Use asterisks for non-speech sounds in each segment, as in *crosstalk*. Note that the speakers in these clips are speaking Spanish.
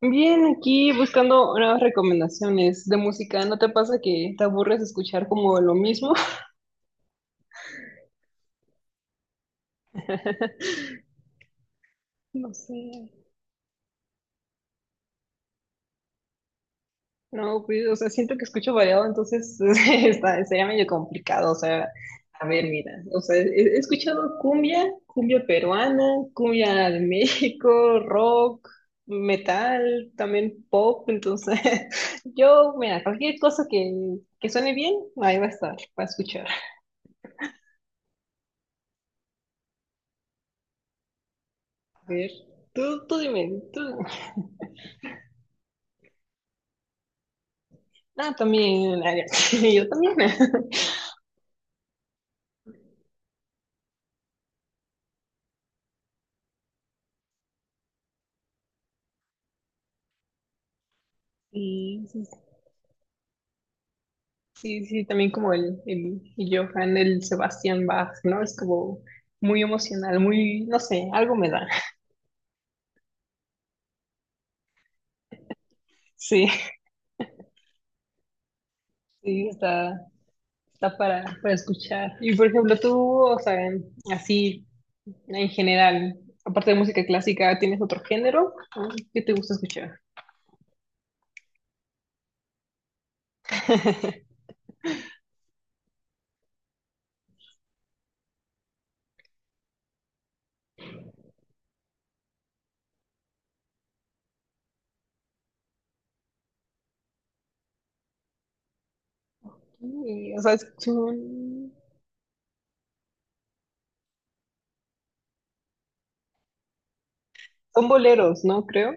Bien, aquí buscando nuevas recomendaciones de música. ¿No te pasa que te aburres de escuchar como lo mismo? *laughs* No sé. No, pues, o sea, siento que escucho variado, entonces *laughs* está, sería medio complicado. O sea, a ver, mira, o sea, he escuchado cumbia, cumbia peruana, cumbia de *laughs* México, rock, metal, también pop. Entonces, *laughs* yo, mira, cualquier cosa que suene bien, ahí va a estar, va a escuchar. A ver, tú dime, tú. Ah, también, Arias. *laughs* Yo también. *laughs* Sí, sí, sí, sí, también como el Johann, el Sebastián Bach, ¿no? Es como muy emocional, muy, no sé, algo me da. *laughs* Sí, sí, está, está para escuchar. Y por ejemplo, tú, o sea, así en general, aparte de música clásica, ¿tienes otro género? ¿Qué te gusta escuchar? *laughs* Y, o sea, son, son boleros, ¿no? Creo.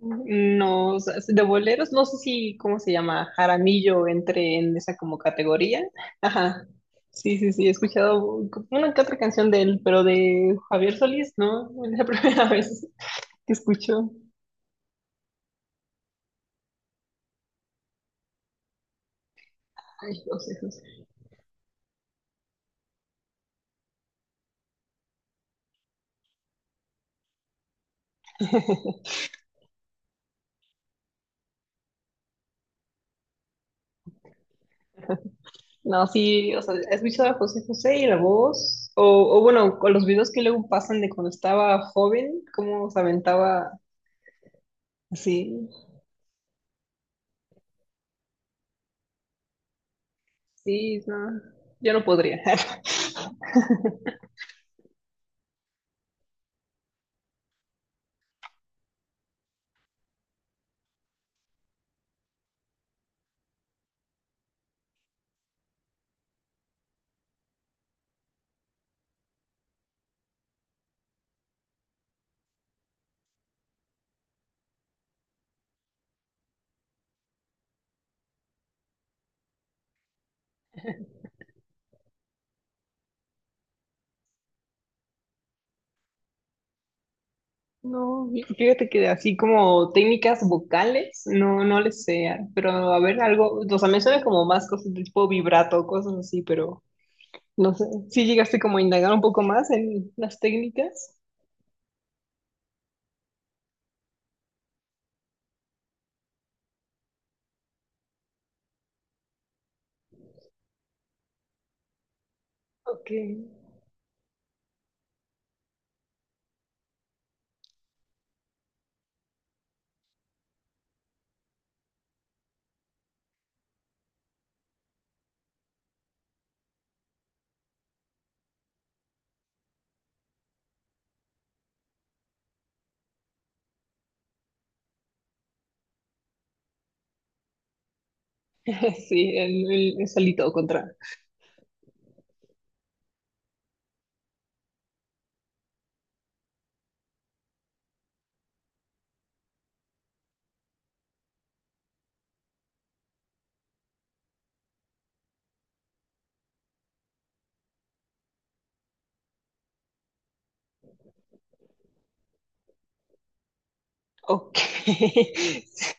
No, o sea, de boleros, no sé si, ¿cómo se llama? Jaramillo entre en esa como categoría. Ajá. Sí, sí, sí, he escuchado una que otra canción de él, pero de Javier Solís, ¿no? Es la *laughs* primera vez que escucho. Ay, José José. *laughs* No, sí, o sea, he escuchado a José José y la voz, o bueno, con los videos que luego pasan de cuando estaba joven, cómo se aventaba así. Sí, no, yo no podría. *laughs* No, fíjate que así como técnicas vocales, no, no les sé, pero a ver, algo, o sea, me suena como más cosas de tipo vibrato, cosas así, pero no sé, si llegaste como a indagar un poco más en las técnicas. Ok, *laughs* sí, el solito contra. Ok, *laughs* sí.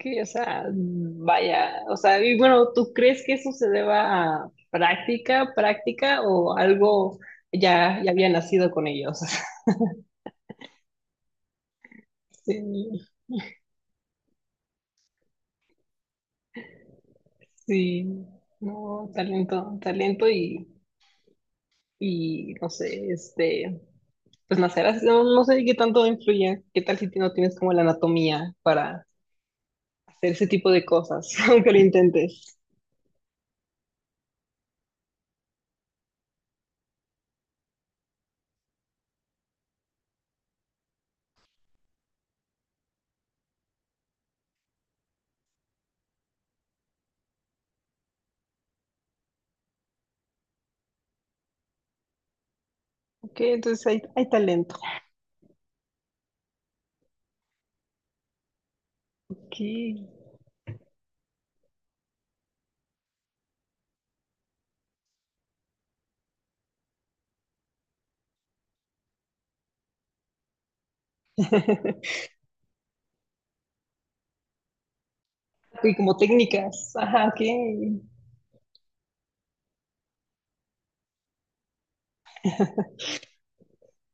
Que, o sea, vaya, o sea, y bueno, ¿tú crees que eso se deba a práctica, práctica o algo ya, ya había nacido con ellos? *laughs* Sí, sí, no, talento, talento y no sé, este, pues nacer así, no, no sé qué tanto influye, qué tal si no tienes como la anatomía para hacer ese tipo de cosas, *laughs* aunque lo intentes. Ok, entonces hay talento. Ok, *laughs* y como técnicas, ajá, ok,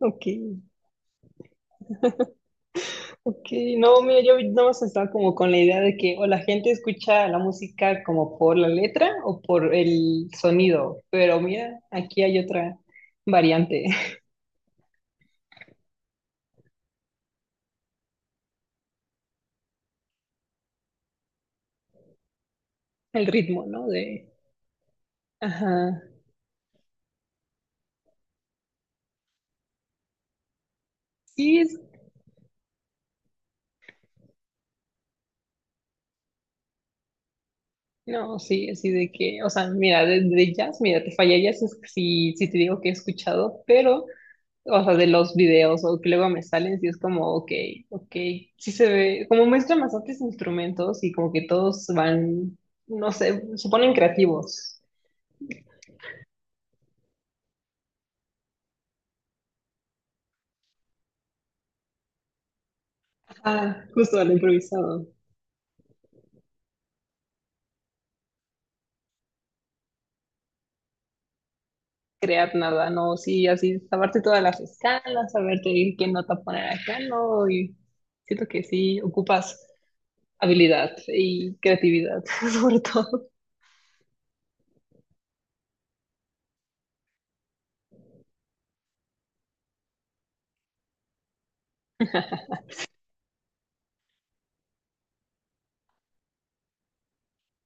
ok. Ok, no, mira, yo nada más estaba como con la idea de que o la gente escucha la música como por la letra o por el sonido, pero mira, aquí hay otra variante. *laughs* El ritmo, ¿no? De, ajá, sí, es, no, sí, así de que, o sea, mira, de jazz, mira, te fallarías si, si te digo que he escuchado, pero o sea, de los videos o que luego me salen, sí es como, ok, ok, sí se ve, como muestran bastantes instrumentos y como que todos van, no sé, se ponen creativos. Ah, justo al improvisado. Crear nada, no, sí, así, saberte todas las escalas, saberte qué nota poner acá, no, y siento que sí, ocupas habilidad y creatividad, *laughs* sobre todo.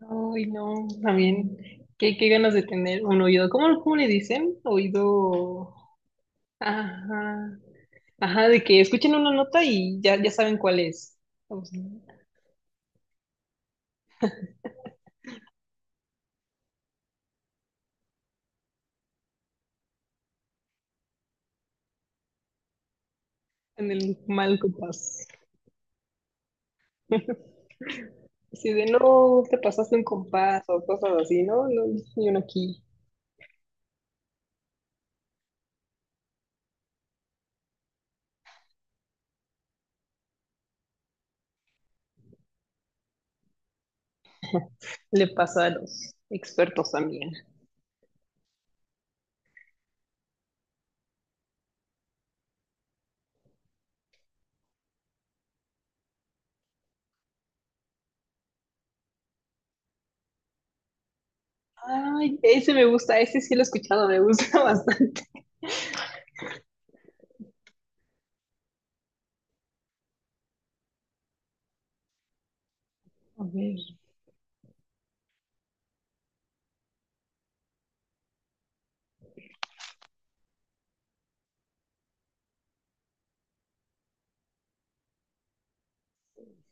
Ay, no, también, qué, qué ganas de tener un oído, ¿cómo, cómo le dicen? Oído... Ajá. Ajá, de que escuchen una nota y ya, ya saben cuál es. Vamos, ¿no? En el mal compás. *laughs* Si de, no, te pasaste un compás o cosas así, ¿no? No, y uno aquí le pasa a los expertos también. Ay, ese me gusta, ese sí lo he escuchado, me gusta *laughs* bastante. A ver,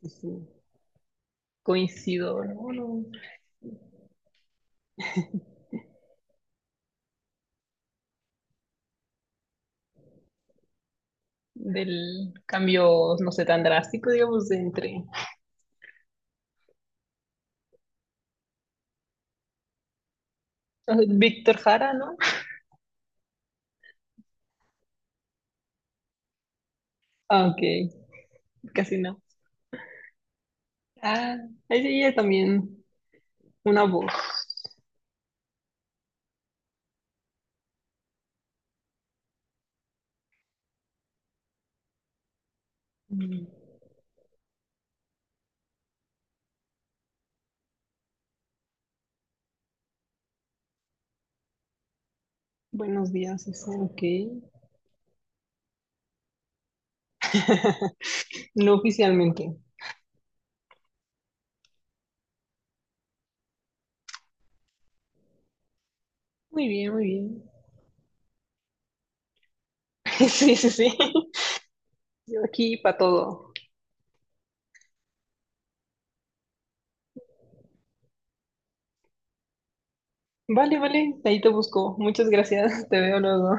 sí, sí. Coincido, ¿no? No. Del cambio, no sé, tan drástico, digamos, de entre. Ah, Víctor Jara, ¿no? Ah, ok, casi no. Ah, ahí sí, ella también una voz. Mm. Buenos días, eso, ok. *laughs* No oficialmente. Muy bien, muy bien. *laughs* Sí, sí, sí. Yo aquí para todo. Vale, vale, ahí te busco. Muchas gracias, *laughs* te veo luego.